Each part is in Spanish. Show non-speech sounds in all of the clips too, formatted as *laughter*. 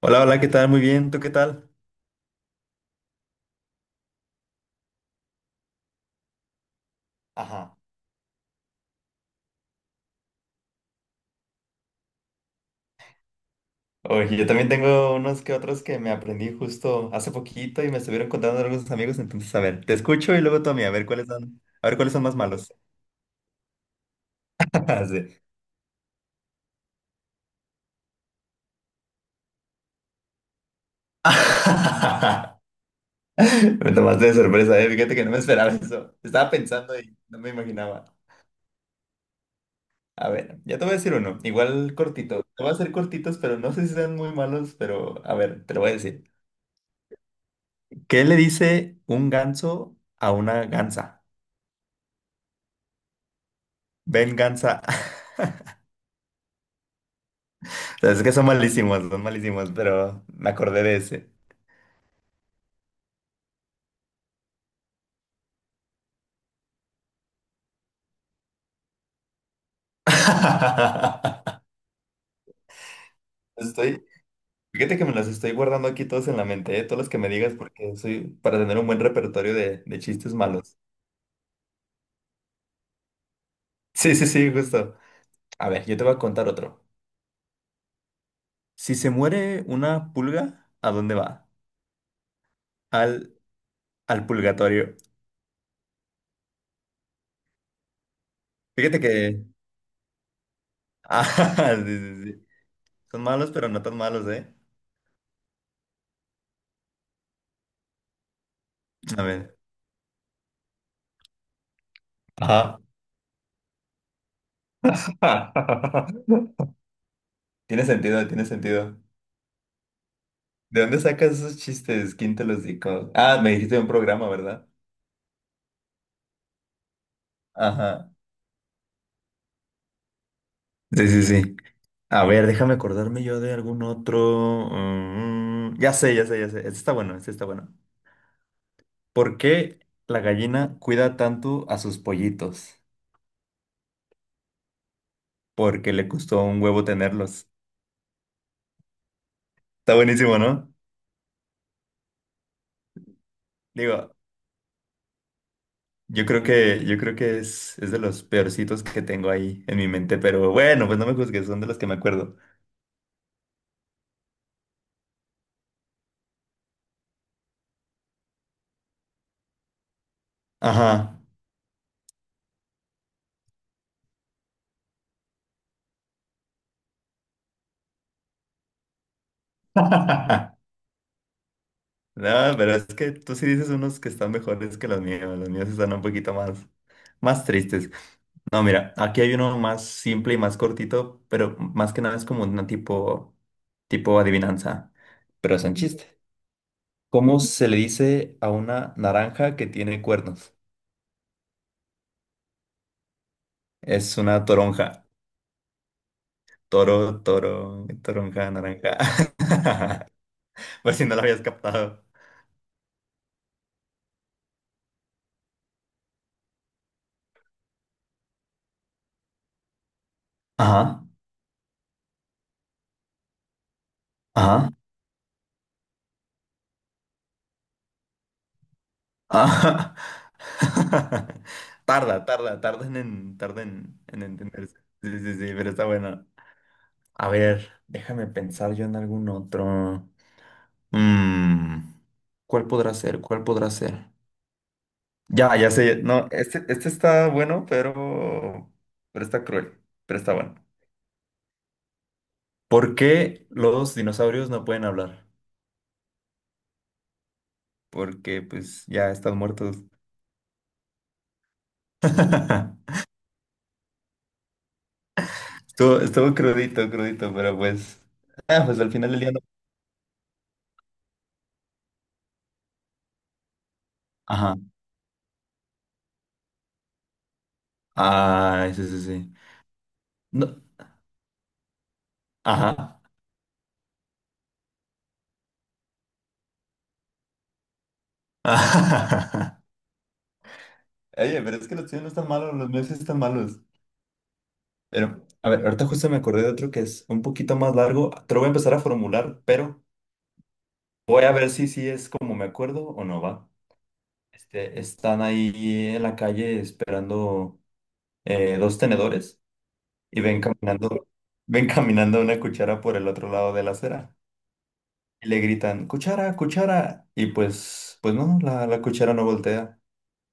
Hola, hola, ¿qué tal? Muy bien, ¿tú qué tal? Ajá. Oye, yo también tengo unos que otros que me aprendí justo hace poquito y me estuvieron contando algunos amigos, entonces a ver, te escucho y luego tú a mí, a ver cuáles son, a ver cuáles son más malos. *laughs* Sí. *laughs* Me tomaste de sorpresa, eh. Fíjate que no me esperaba eso. Estaba pensando y no me imaginaba. A ver, ya te voy a decir uno, igual cortito. Te voy a hacer cortitos, pero no sé si sean muy malos, pero a ver, te lo voy a decir. ¿Qué le dice un ganso a una gansa? Ven, gansa. Es que son malísimos, pero me acordé de ese. *laughs* Estoy, fíjate que me los estoy guardando aquí todos en la mente, ¿eh? Todos los que me digas, porque soy para tener un buen repertorio de chistes malos. Sí, sí, sí, justo. A ver, yo te voy a contar otro. Si se muere una pulga, ¿a dónde va? Al, al purgatorio. Fíjate que. *laughs* Ah, sí, sí, sí. Son malos, pero no tan malos, ¿eh? A ver. Ajá. *laughs* Tiene sentido, tiene sentido. ¿De dónde sacas esos chistes? ¿Quién te los dijo? Ah, me dijiste de un programa, ¿verdad? Ajá. Sí, sí, sí. A ver, déjame acordarme yo de algún otro. Ya sé, ya sé, ya sé. Este está bueno, este está bueno. ¿Por qué la gallina cuida tanto a sus pollitos? Porque le costó un huevo tenerlos. Está buenísimo, ¿no? Digo, yo creo que es de los peorcitos que tengo ahí en mi mente, pero bueno, pues no me juzgues, son de los que me acuerdo. Ajá. *laughs* No, pero es que tú sí dices unos que están mejores que los míos. Los míos sí están un poquito más, más tristes. No, mira, aquí hay uno más simple y más cortito, pero más que nada es como una tipo, tipo adivinanza, pero es un chiste. ¿Cómo se le dice a una naranja que tiene cuernos? Es una toronja. Toro, toro, toronja, naranja. *laughs* Por si no lo habías captado. Ajá, ajá, *laughs* ajá. *laughs* Tarda, tarda, tarda en entenderse. Sí, sí, sí, pero está bueno. A ver, déjame pensar yo en algún otro. Mm, ¿cuál podrá ser? ¿Cuál podrá ser? Ya, ya sé. No, este está bueno, pero está cruel. Pero está bueno. ¿Por qué los dinosaurios no pueden hablar? Porque pues ya están muertos. *laughs* Estuvo, estuvo crudito, crudito, pero pues... Ah, pues al final del día no. Ay, sí, sí, sí. No, ajá. *laughs* Oye, pero es que los tuyos no están malos, los míos sí están malos. Pero, a ver, ahorita justo me acordé de otro que es un poquito más largo. Te lo voy a empezar a formular, pero voy a ver si sí es como me acuerdo o no va. Este, están ahí en la calle esperando dos tenedores y ven caminando una cuchara por el otro lado de la acera. Y le gritan, cuchara, cuchara. Y pues, pues no, la cuchara no voltea.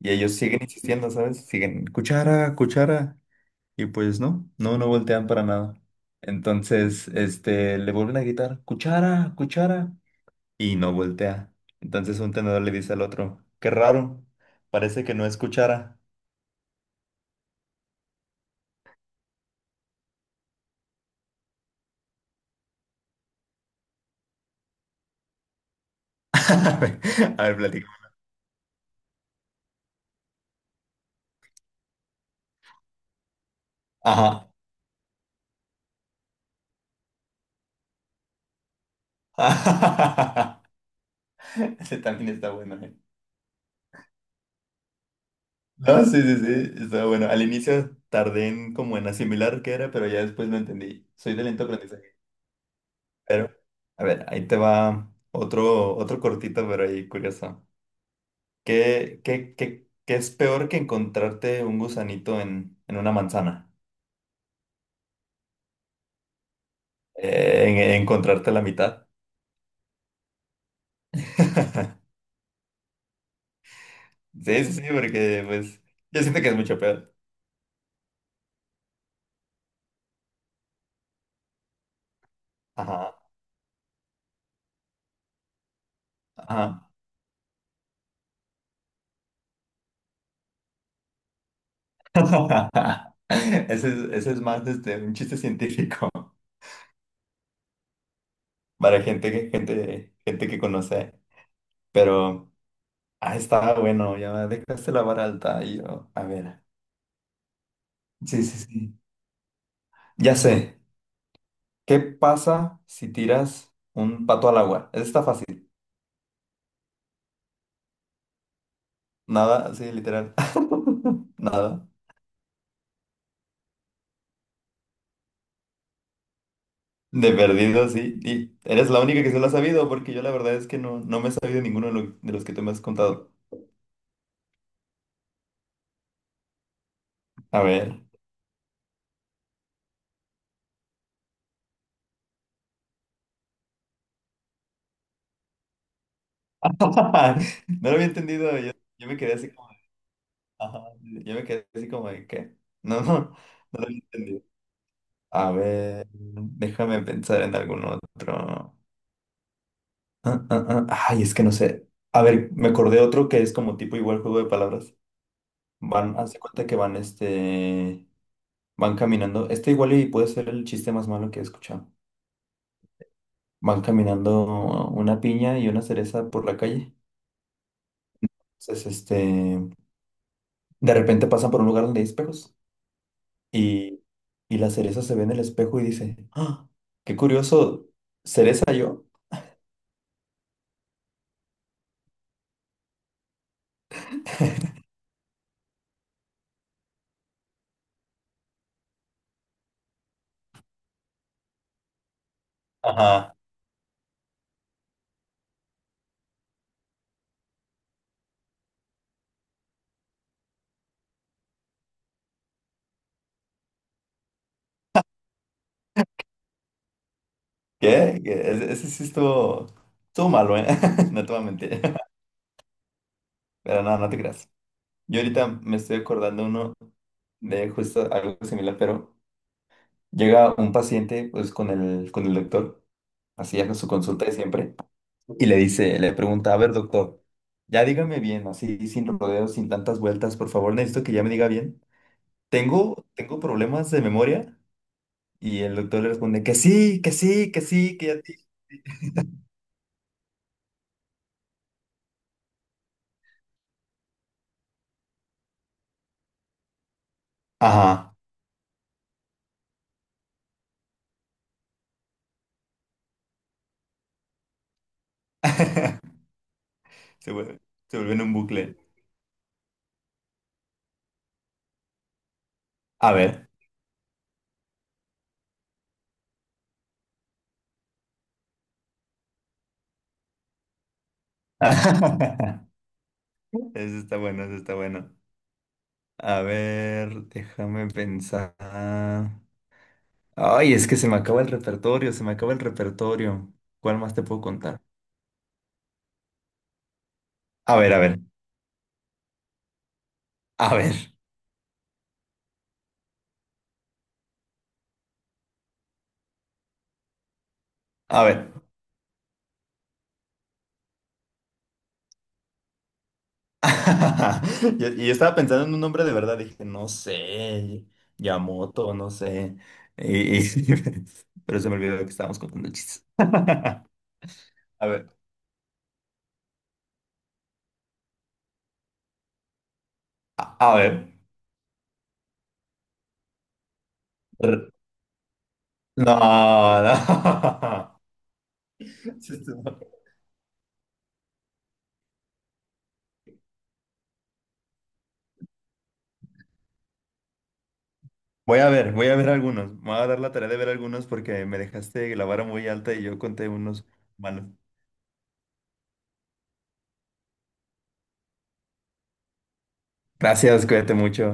Y ellos siguen insistiendo, ¿sabes? Siguen, cuchara, cuchara. Y pues no, no, no voltean para nada. Entonces, este, le vuelven a gritar, cuchara, cuchara. Y no voltea. Entonces un tenedor le dice al otro, qué raro, parece que no es cuchara. *laughs* A ver, a ver, platica. Ajá. *laughs* Ese también está bueno, ¿eh? No, sí, sí, sí, está bueno. Al inicio tardé en como en asimilar qué era, pero ya después lo entendí. Soy de lento aprendizaje. Pero, a ver, ahí te va otro, otro cortito, pero ahí curioso. ¿ qué es peor que encontrarte un gusanito en una manzana? En encontrarte la mitad. *laughs* Sí, sí, sí, porque pues yo siento que es mucho peor. Ajá, ajá. *laughs* Ese es más este, un chiste científico *laughs* para gente que, gente, gente que conoce. Pero, ah, está bueno, ya dejaste la vara alta. Y yo, a ver. Sí, sí, sí. Ya sé, ¿qué pasa si tiras un pato al agua? Eso está fácil. Nada, sí, literal. *laughs* Nada. De perdido, sí. Y eres la única que se lo ha sabido, porque yo la verdad es que no, no me he sabido ninguno de, lo- de los que tú me has contado. A ver. *laughs* No lo había entendido. Yo me quedé así como. Ajá. Yo me quedé así como de qué. No, no, *laughs* no lo había entendido. A ver, déjame pensar en algún otro. Ah, ah, ah. Ay, es que no sé. A ver, me acordé otro que es como tipo igual juego de palabras. Van, haz de cuenta que van, este, van caminando. Este igual y puede ser el chiste más malo que he escuchado. Van caminando una piña y una cereza por la calle. Entonces, este, de repente pasan por un lugar donde hay espejos y, y la cereza se ve en el espejo y dice, ¡Ah! ¡Qué curioso! ¿Cereza yo? Ajá. ¿Qué? ¿Qué? Ese sí estuvo, estuvo malo, ¿eh? *laughs* No te voy a mentir. *laughs* Pero no, no te creas. Yo ahorita me estoy acordando uno de justo algo similar, pero llega un paciente pues con con el doctor, así a su consulta de siempre, y le dice, le pregunta, a ver doctor, ya dígame bien, así sin rodeos, sin tantas vueltas, por favor necesito que ya me diga bien. Tengo, tengo problemas de memoria y el doctor le responde que sí, que sí, que sí, que ya te... Ajá. *laughs* Se vuelve, se vuelve en un bucle. A ver. *laughs* Eso está bueno, eso está bueno. A ver, déjame pensar. Ay, es que se me acaba el repertorio, se me acaba el repertorio. ¿Cuál más te puedo contar? A ver, a ver, a ver, a ver. *laughs* Y yo estaba pensando en un nombre de verdad, dije, no sé, Yamoto, no sé. Y- y- *laughs* pero se me olvidó que estábamos contando chistes. *laughs* A ver, a ver. R- No, no. *laughs* Voy a ver algunos. Me voy a dar la tarea de ver algunos porque me dejaste la vara muy alta y yo conté unos malos. Gracias, cuídate mucho.